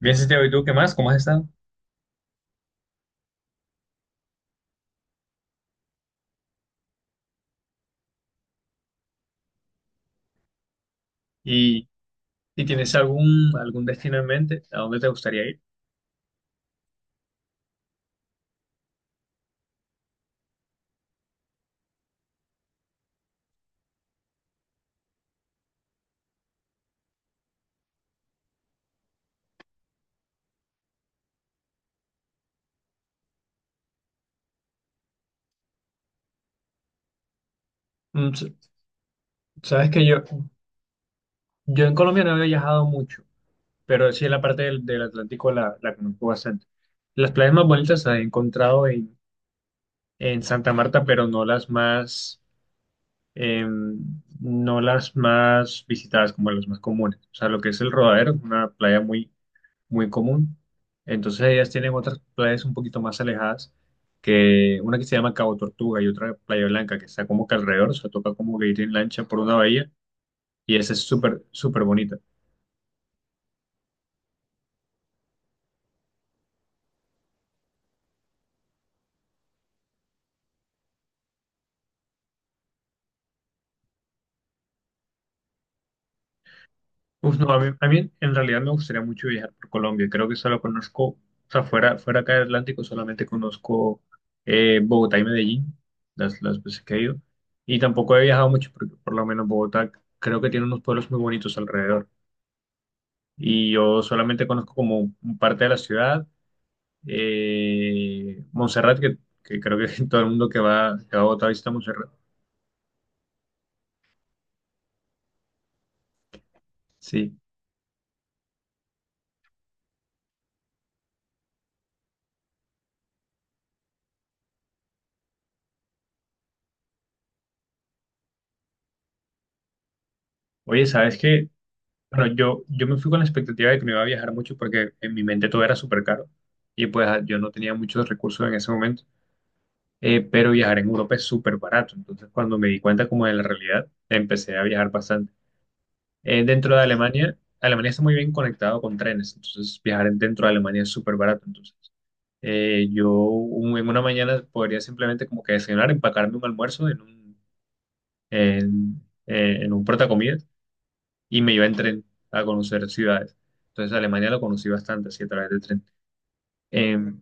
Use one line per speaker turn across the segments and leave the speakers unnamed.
Bien, Santiago, ¿y tú qué más? ¿Cómo has estado? ¿Y, y tienes algún destino en mente? ¿A dónde te gustaría ir? Mm, s- Sabes que yo en Colombia no había viajado mucho, pero sí en la parte del Atlántico la conozco bastante. Las playas más bonitas las he encontrado en Santa Marta, pero no las más, no las más visitadas como las más comunes. O sea, lo que es el Rodadero, es una playa muy, muy común. Entonces ellas tienen otras playas un poquito más alejadas, que una que se llama Cabo Tortuga y otra Playa Blanca, que está como que alrededor, o sea, toca como que ir en lancha por una bahía y esa es súper, súper bonita. Uf, no, a mí en realidad me gustaría mucho viajar por Colombia, creo que solo conozco, o sea, fuera, fuera acá del Atlántico solamente conozco Bogotá y Medellín, las veces que he ido, y tampoco he viajado mucho, porque por lo menos Bogotá creo que tiene unos pueblos muy bonitos alrededor. Y yo solamente conozco como un parte de la ciudad. Montserrat, que creo que todo el mundo que va a Bogotá visita Montserrat. Sí. Oye, ¿sabes qué? Bueno, yo me fui con la expectativa de que no iba a viajar mucho porque en mi mente todo era súper caro y pues yo no tenía muchos recursos en ese momento. Pero viajar en Europa es súper barato. Entonces, cuando me di cuenta como de la realidad, empecé a viajar bastante. Dentro de Alemania, Alemania está muy bien conectado con trenes, entonces dentro de Alemania es súper barato. Entonces, en una mañana podría simplemente como que desayunar, empacarme un almuerzo en un, en, en un portacomidas y me iba en tren a conocer ciudades. Entonces Alemania lo conocí bastante así a través del tren. Em,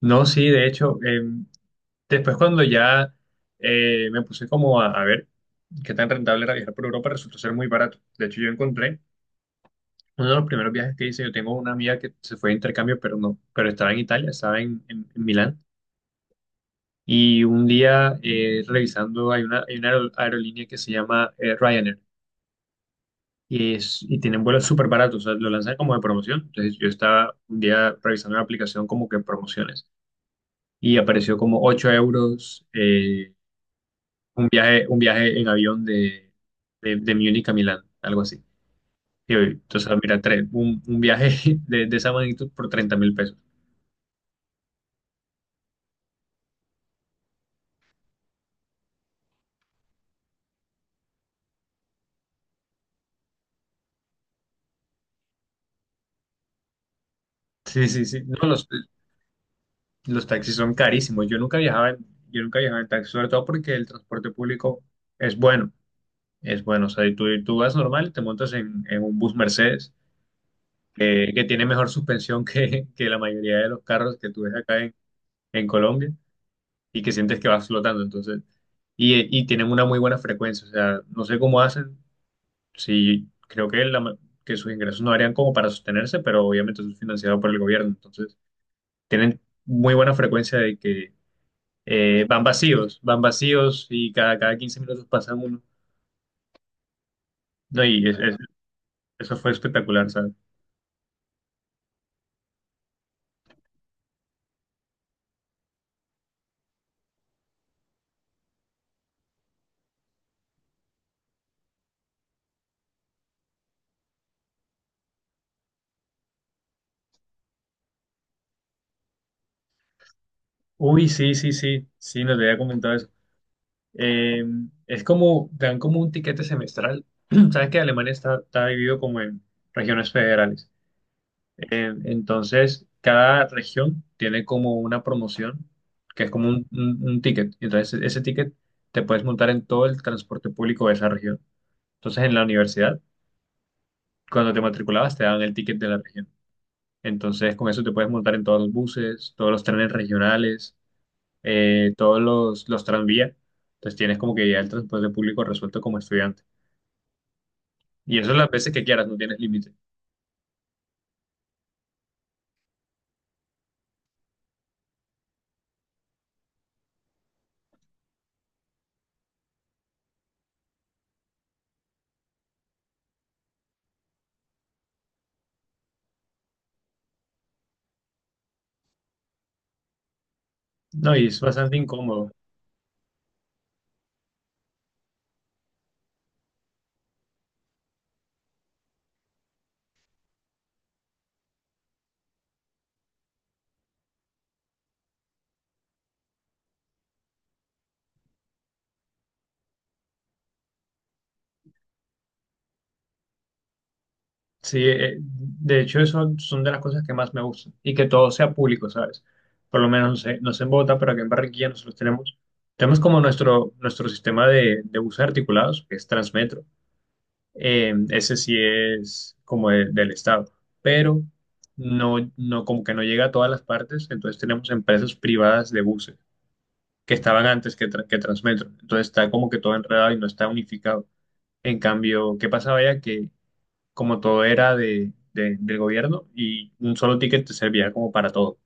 no, sí, de hecho, después cuando ya me puse como a ver qué tan rentable era viajar por Europa, resultó ser muy barato. De hecho, yo encontré uno de los primeros viajes que hice, yo tengo una amiga que se fue de intercambio, pero no, pero estaba en Italia, estaba en, en Milán. Y un día revisando, hay una aerolínea que se llama Ryanair y tienen vuelos súper baratos, o sea, lo lanzan como de promoción. Entonces yo estaba un día revisando la aplicación como que promociones y apareció como 8 euros un viaje en avión de Múnich a Milán, algo así. Y yo, entonces, mira, un viaje de esa magnitud por 30.000 pesos. Sí, sí, sí. No, los taxis son carísimos. Yo nunca viajaba en taxi, sobre todo porque el transporte público es bueno. Es bueno. O sea, y tú vas normal y te montas en un bus Mercedes que tiene mejor suspensión que la mayoría de los carros que tú ves acá en Colombia y que sientes que vas flotando. Entonces, y tienen una muy buena frecuencia. O sea, no sé cómo hacen. Sí, creo que, que sus ingresos no harían como para sostenerse, pero obviamente eso es financiado por el gobierno. Entonces, tienen muy buena frecuencia de que van vacíos y cada, cada 15 minutos pasa uno. No, y eso fue espectacular, ¿sabes? Uy, sí, sí, sí, sí, nos había comentado eso. Eh, es como, te dan como un tiquete semestral. Sabes que Alemania está, está dividido como en regiones federales. Entonces, cada región tiene como una promoción, que es como un ticket. Entonces, ese ticket te puedes montar en todo el transporte público de esa región. Entonces, en la universidad, cuando te matriculabas, te daban el ticket de la región. Entonces, con eso te puedes montar en todos los buses, todos los trenes regionales, todos los tranvías. Entonces, tienes como que ya el transporte público resuelto como estudiante. Y eso las veces que quieras, no tienes límite. No, y es bastante incómodo. Sí, de hecho, eso son de las cosas que más me gustan. Y que todo sea público, ¿sabes? Por lo menos, no sé, no sé en Bogotá, pero aquí en Barranquilla nosotros tenemos, tenemos como nuestro, nuestro sistema de buses articulados, que es Transmetro. Ese sí es como del Estado, pero no, no, como que no llega a todas las partes, entonces tenemos empresas privadas de buses que estaban antes que, que Transmetro, entonces está como que todo enredado y no está unificado. En cambio, ¿qué pasaba ya? Que como todo era de, del gobierno y un solo ticket te servía como para todo.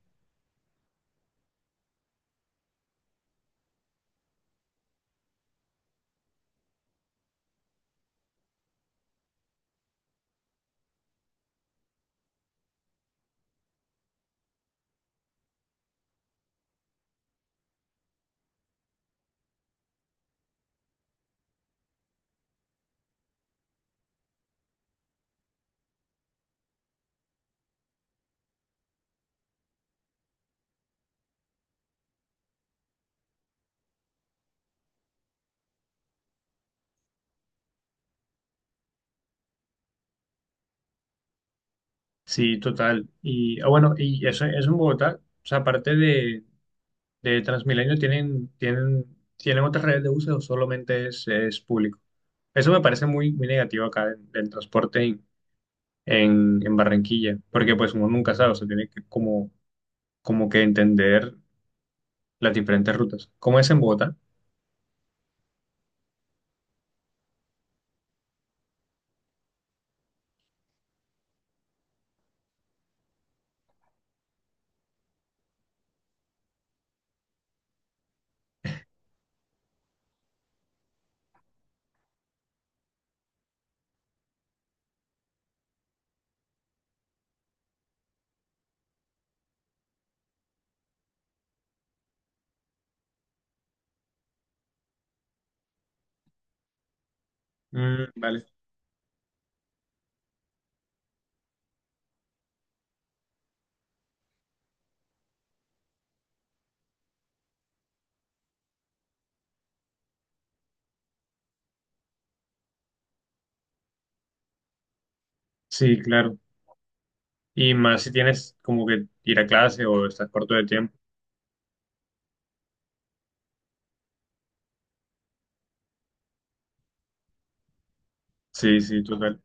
Sí, total. Y bueno, y eso en Bogotá, o sea, aparte de Transmilenio, ¿tienen otras redes de buses o solamente es público? Eso me parece muy, muy negativo acá del, del transporte en, en Barranquilla, porque pues uno nunca sabe, o sea, tiene que como, como que entender las diferentes rutas. ¿Cómo es en Bogotá? Mm, vale. Sí, claro. Y más si tienes como que ir a clase o estás corto de tiempo. Sí, sí, total.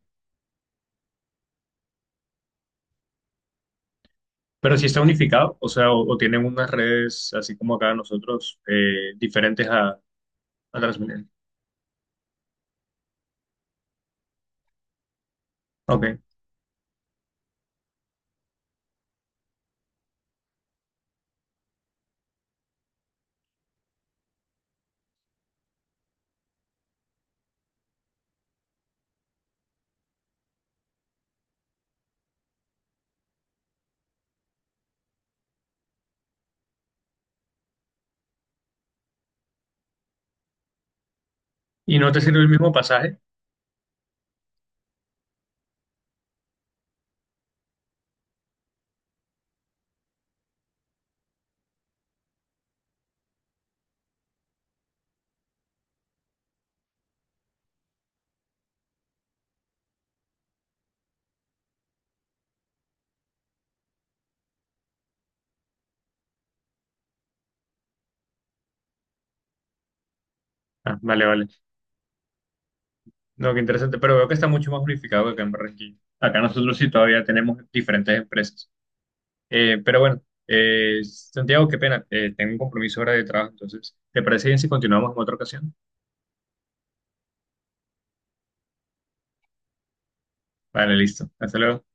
Pero si está unificado, o sea, o tienen unas redes así como acá nosotros, diferentes a Transmilenio. Ok. ¿Y no te sirve el mismo pasaje? Ah, vale, vale. No, qué interesante, pero veo que está mucho más unificado que acá en Barranquilla. Acá nosotros sí todavía tenemos diferentes empresas. Pero bueno, Santiago, qué pena, tengo un compromiso ahora de trabajo, entonces, ¿te parece bien si continuamos en otra ocasión? Vale, listo. Hasta luego.